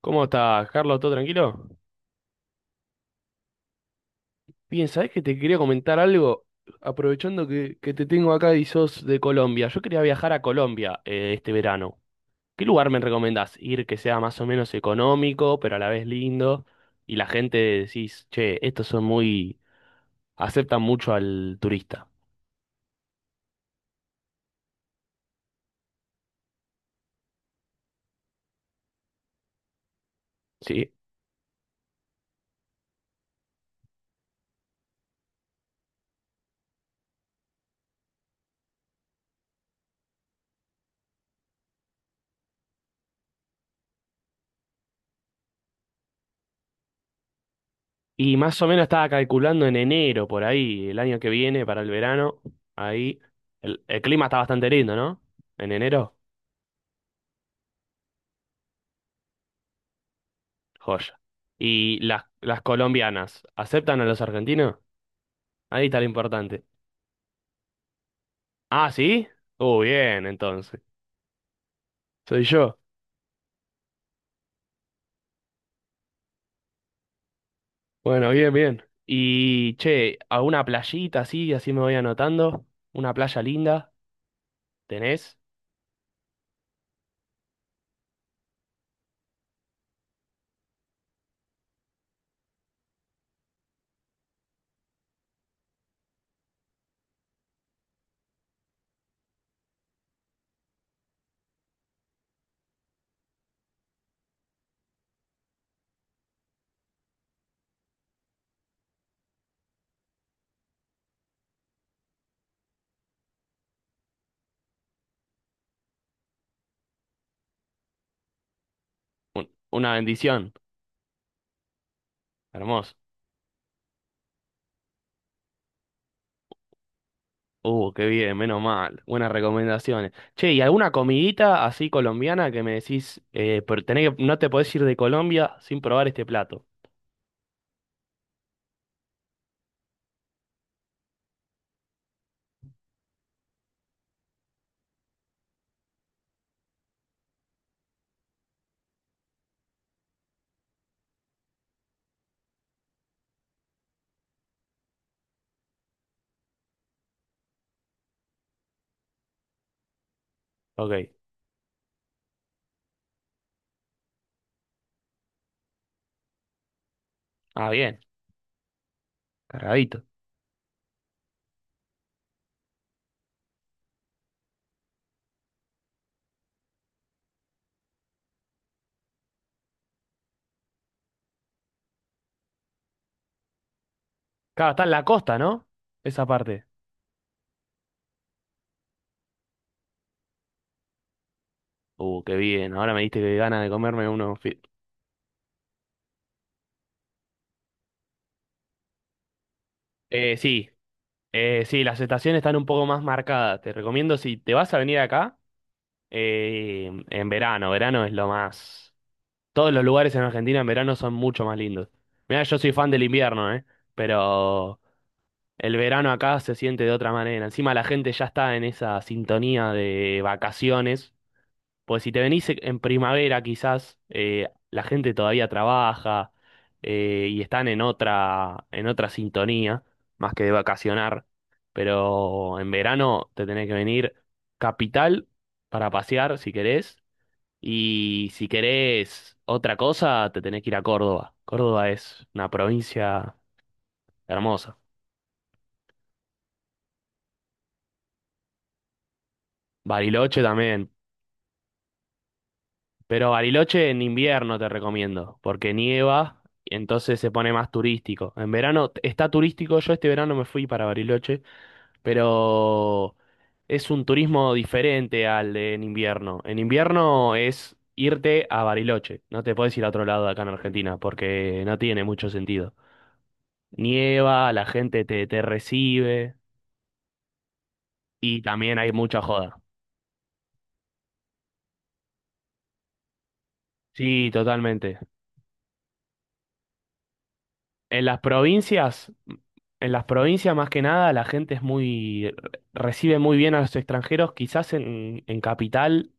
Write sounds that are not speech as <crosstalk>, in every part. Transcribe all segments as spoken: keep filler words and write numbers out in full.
¿Cómo estás, Carlos? ¿Todo tranquilo? Bien, ¿sabés que te quería comentar algo? Aprovechando que, que te tengo acá y sos de Colombia. Yo quería viajar a Colombia eh, este verano. ¿Qué lugar me recomendás? Ir que sea más o menos económico, pero a la vez lindo. Y la gente decís, che, estos son muy... aceptan mucho al turista, ¿sí? Y más o menos estaba calculando en enero, por ahí, el año que viene, para el verano. Ahí, el, el clima está bastante lindo, ¿no? En enero. Joya. ¿Y las, las colombianas aceptan a los argentinos? Ahí está lo importante. Ah, ¿sí? Oh, bien, entonces. Soy yo. Bueno, bien, bien. Y, che, ¿alguna playita así? Así me voy anotando. ¿Una playa linda? ¿Tenés? Un- una bendición. Hermoso. Uh, qué bien, menos mal. Buenas recomendaciones. Che, ¿y alguna comidita así colombiana que me decís, eh, pero tenés que- no te podés ir de Colombia sin probar este plato? Ok. Ah, bien. Cargadito. Claro, está en la costa, ¿no? Esa parte. Uh, qué bien. ¿No? Ahora me diste que ganas de comerme uno. Fi- Eh, sí, eh, sí, las estaciones están un poco más marcadas. Te recomiendo si te vas a venir acá eh, en verano. Verano es lo más. Todos los lugares en Argentina en verano son mucho más lindos. Mira, yo soy fan del invierno, ¿eh? Pero el verano acá se siente de otra manera. Encima la gente ya está en esa sintonía de vacaciones. Pues si te venís e- en primavera, quizás eh, la gente todavía trabaja eh, y están en otra, en otra sintonía, más que de vacacionar. Pero en verano te tenés que venir capital para pasear si querés. Y si querés otra cosa, te tenés que ir a Córdoba. Córdoba es una provincia hermosa. Bariloche también. Pero Bariloche en invierno te recomiendo, porque nieva, entonces se pone más turístico. En verano t- está turístico, yo este verano me fui para Bariloche, pero es un turismo diferente al de en invierno. En invierno es irte a Bariloche, no te puedes ir a otro lado de acá en Argentina, porque no tiene mucho sentido. Nieva, la gente te, te recibe y también hay mucha joda. Sí, totalmente. En las provincias, en las provincias más que nada, la gente es muy, recibe muy bien a los extranjeros, quizás en, en, capital,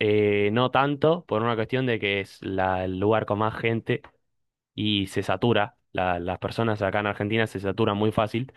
eh, no tanto, por una cuestión de que es la- el lugar con más gente y se satura, la- las personas acá en Argentina se saturan muy fácil,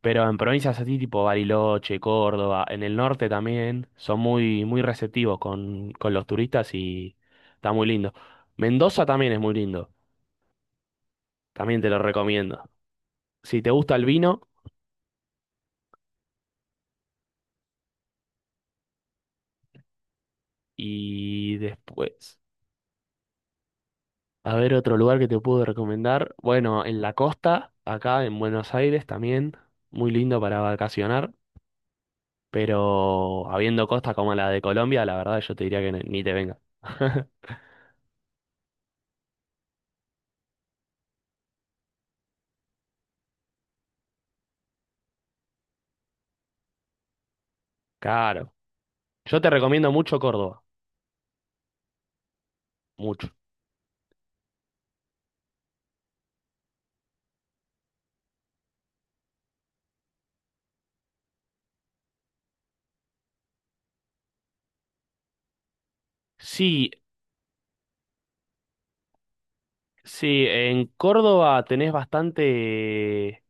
pero en provincias así tipo Bariloche, Córdoba, en el norte también, son muy, muy receptivos con, con los turistas y está muy lindo. Mendoza también es muy lindo, también te lo recomiendo. Si te gusta el vino... Y después, a ver otro lugar que te puedo recomendar. Bueno, en la costa, acá en Buenos Aires también, muy lindo para vacacionar, pero habiendo costa como la de Colombia, la verdad yo te diría que ni te venga. <laughs> Claro. Yo te recomiendo mucho Córdoba, mucho. Sí, sí, en Córdoba tenés bastante.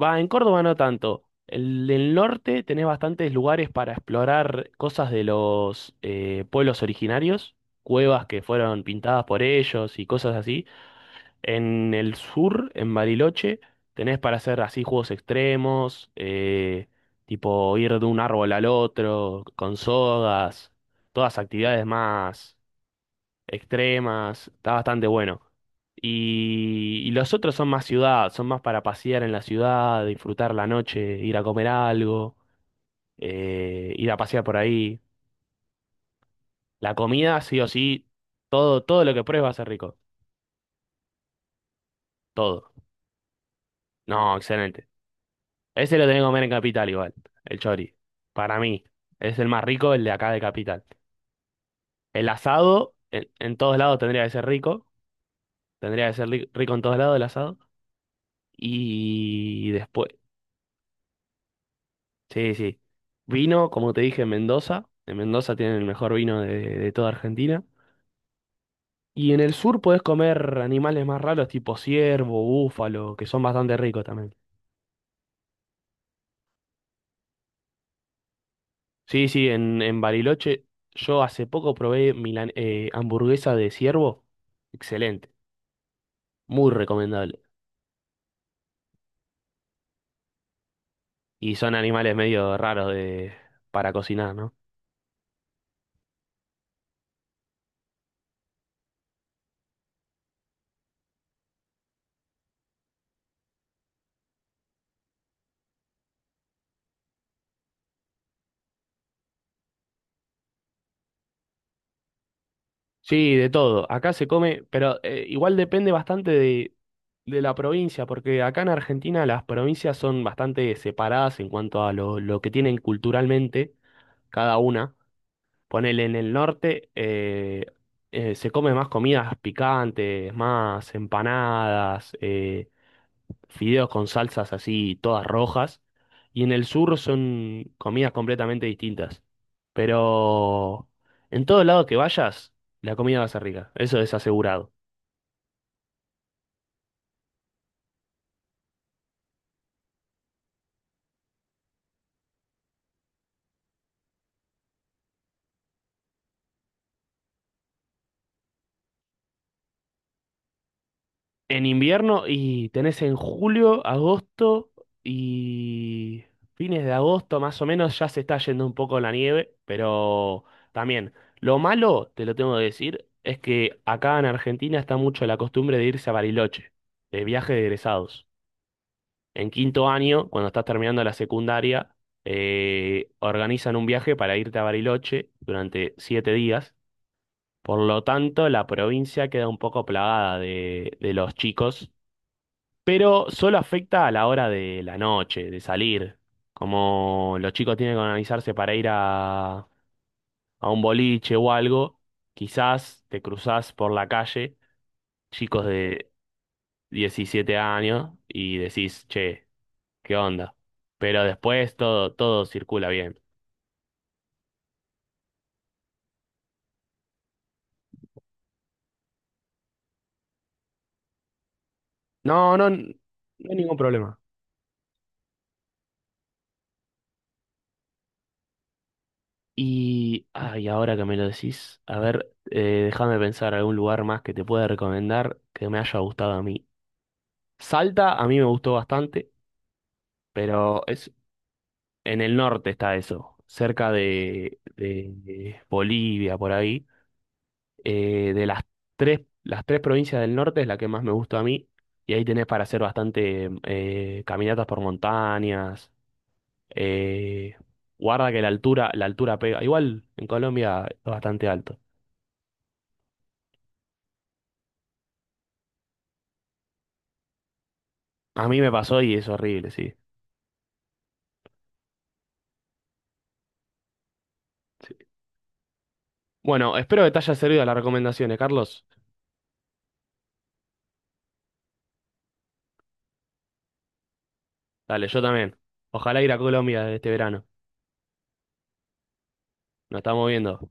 Va, en Córdoba no tanto. El del norte tenés bastantes lugares para explorar cosas de los eh, pueblos originarios, cuevas que fueron pintadas por ellos y cosas así. En el sur, en Bariloche, tenés para hacer así juegos extremos, eh, tipo ir de un árbol al otro, con sogas, todas actividades más extremas, está bastante bueno. Y, y los otros son más ciudad, son más para pasear en la ciudad, disfrutar la noche, ir a comer algo, eh, ir a pasear por ahí. La comida, sí o sí, todo, todo lo que pruebes va a ser rico. Todo. No, excelente. Ese lo tenés que comer en Capital igual, el chori. Para mí, es el más rico, el de acá de Capital. El asado, en, en, todos lados tendría que ser rico. Tendría que ser li- rico en todos lados el asado. Y después. Sí, sí. Vino, como te dije, en Mendoza. En Mendoza tienen el mejor vino de, de, toda Argentina. Y en el sur podés comer animales más raros, tipo ciervo, búfalo, que son bastante ricos también. Sí, sí, en, en Bariloche yo hace poco probé milan- eh, hamburguesa de ciervo. Excelente, muy recomendable. Y son animales medio raros de, para cocinar, ¿no? Sí, de todo. Acá se come, pero eh, igual depende bastante de, de la provincia, porque acá en Argentina las provincias son bastante separadas en cuanto a lo, lo que tienen culturalmente cada una. Ponele en el norte, eh, eh, se come más comidas picantes, más empanadas, eh, fideos con salsas así todas rojas, y en el sur son comidas completamente distintas. Pero en todo lado que vayas, la comida va a ser rica, eso es asegurado. En invierno y tenés en julio, agosto y fines de agosto más o menos ya se está yendo un poco la nieve, pero también lo malo, te lo tengo que decir, es que acá en Argentina está mucho la costumbre de irse a Bariloche, de viaje de egresados. En quinto año, cuando estás terminando la secundaria, eh, organizan un viaje para irte a Bariloche durante siete días. Por lo tanto, la provincia queda un poco plagada de, de, los chicos, pero solo afecta a la hora de la noche, de salir. Como los chicos tienen que organizarse para ir a, a un boliche o algo, quizás te cruzás por la calle, chicos de diecisiete años, y decís, che. ¿Qué onda? Pero después todo, todo circula bien. No, no, n- no hay ningún problema. Y, ay, ahora que me lo decís, a ver, eh, déjame pensar algún lugar más que te pueda recomendar que me haya gustado a mí. Salta a mí me gustó bastante, pero es en el norte está eso, cerca de, de- de Bolivia, por ahí. Eh, de las tres, las tres provincias del norte es la que más me gustó a mí. Y ahí tenés para hacer bastante eh, caminatas por montañas. Eh, Guarda que la altura, la altura, pega. Igual en Colombia es bastante alto. A mí me pasó y es horrible, sí. Sí. Bueno, espero que te haya servido las recomendaciones, Carlos. Dale, yo también. Ojalá ir a Colombia este verano. Nos estamos viendo.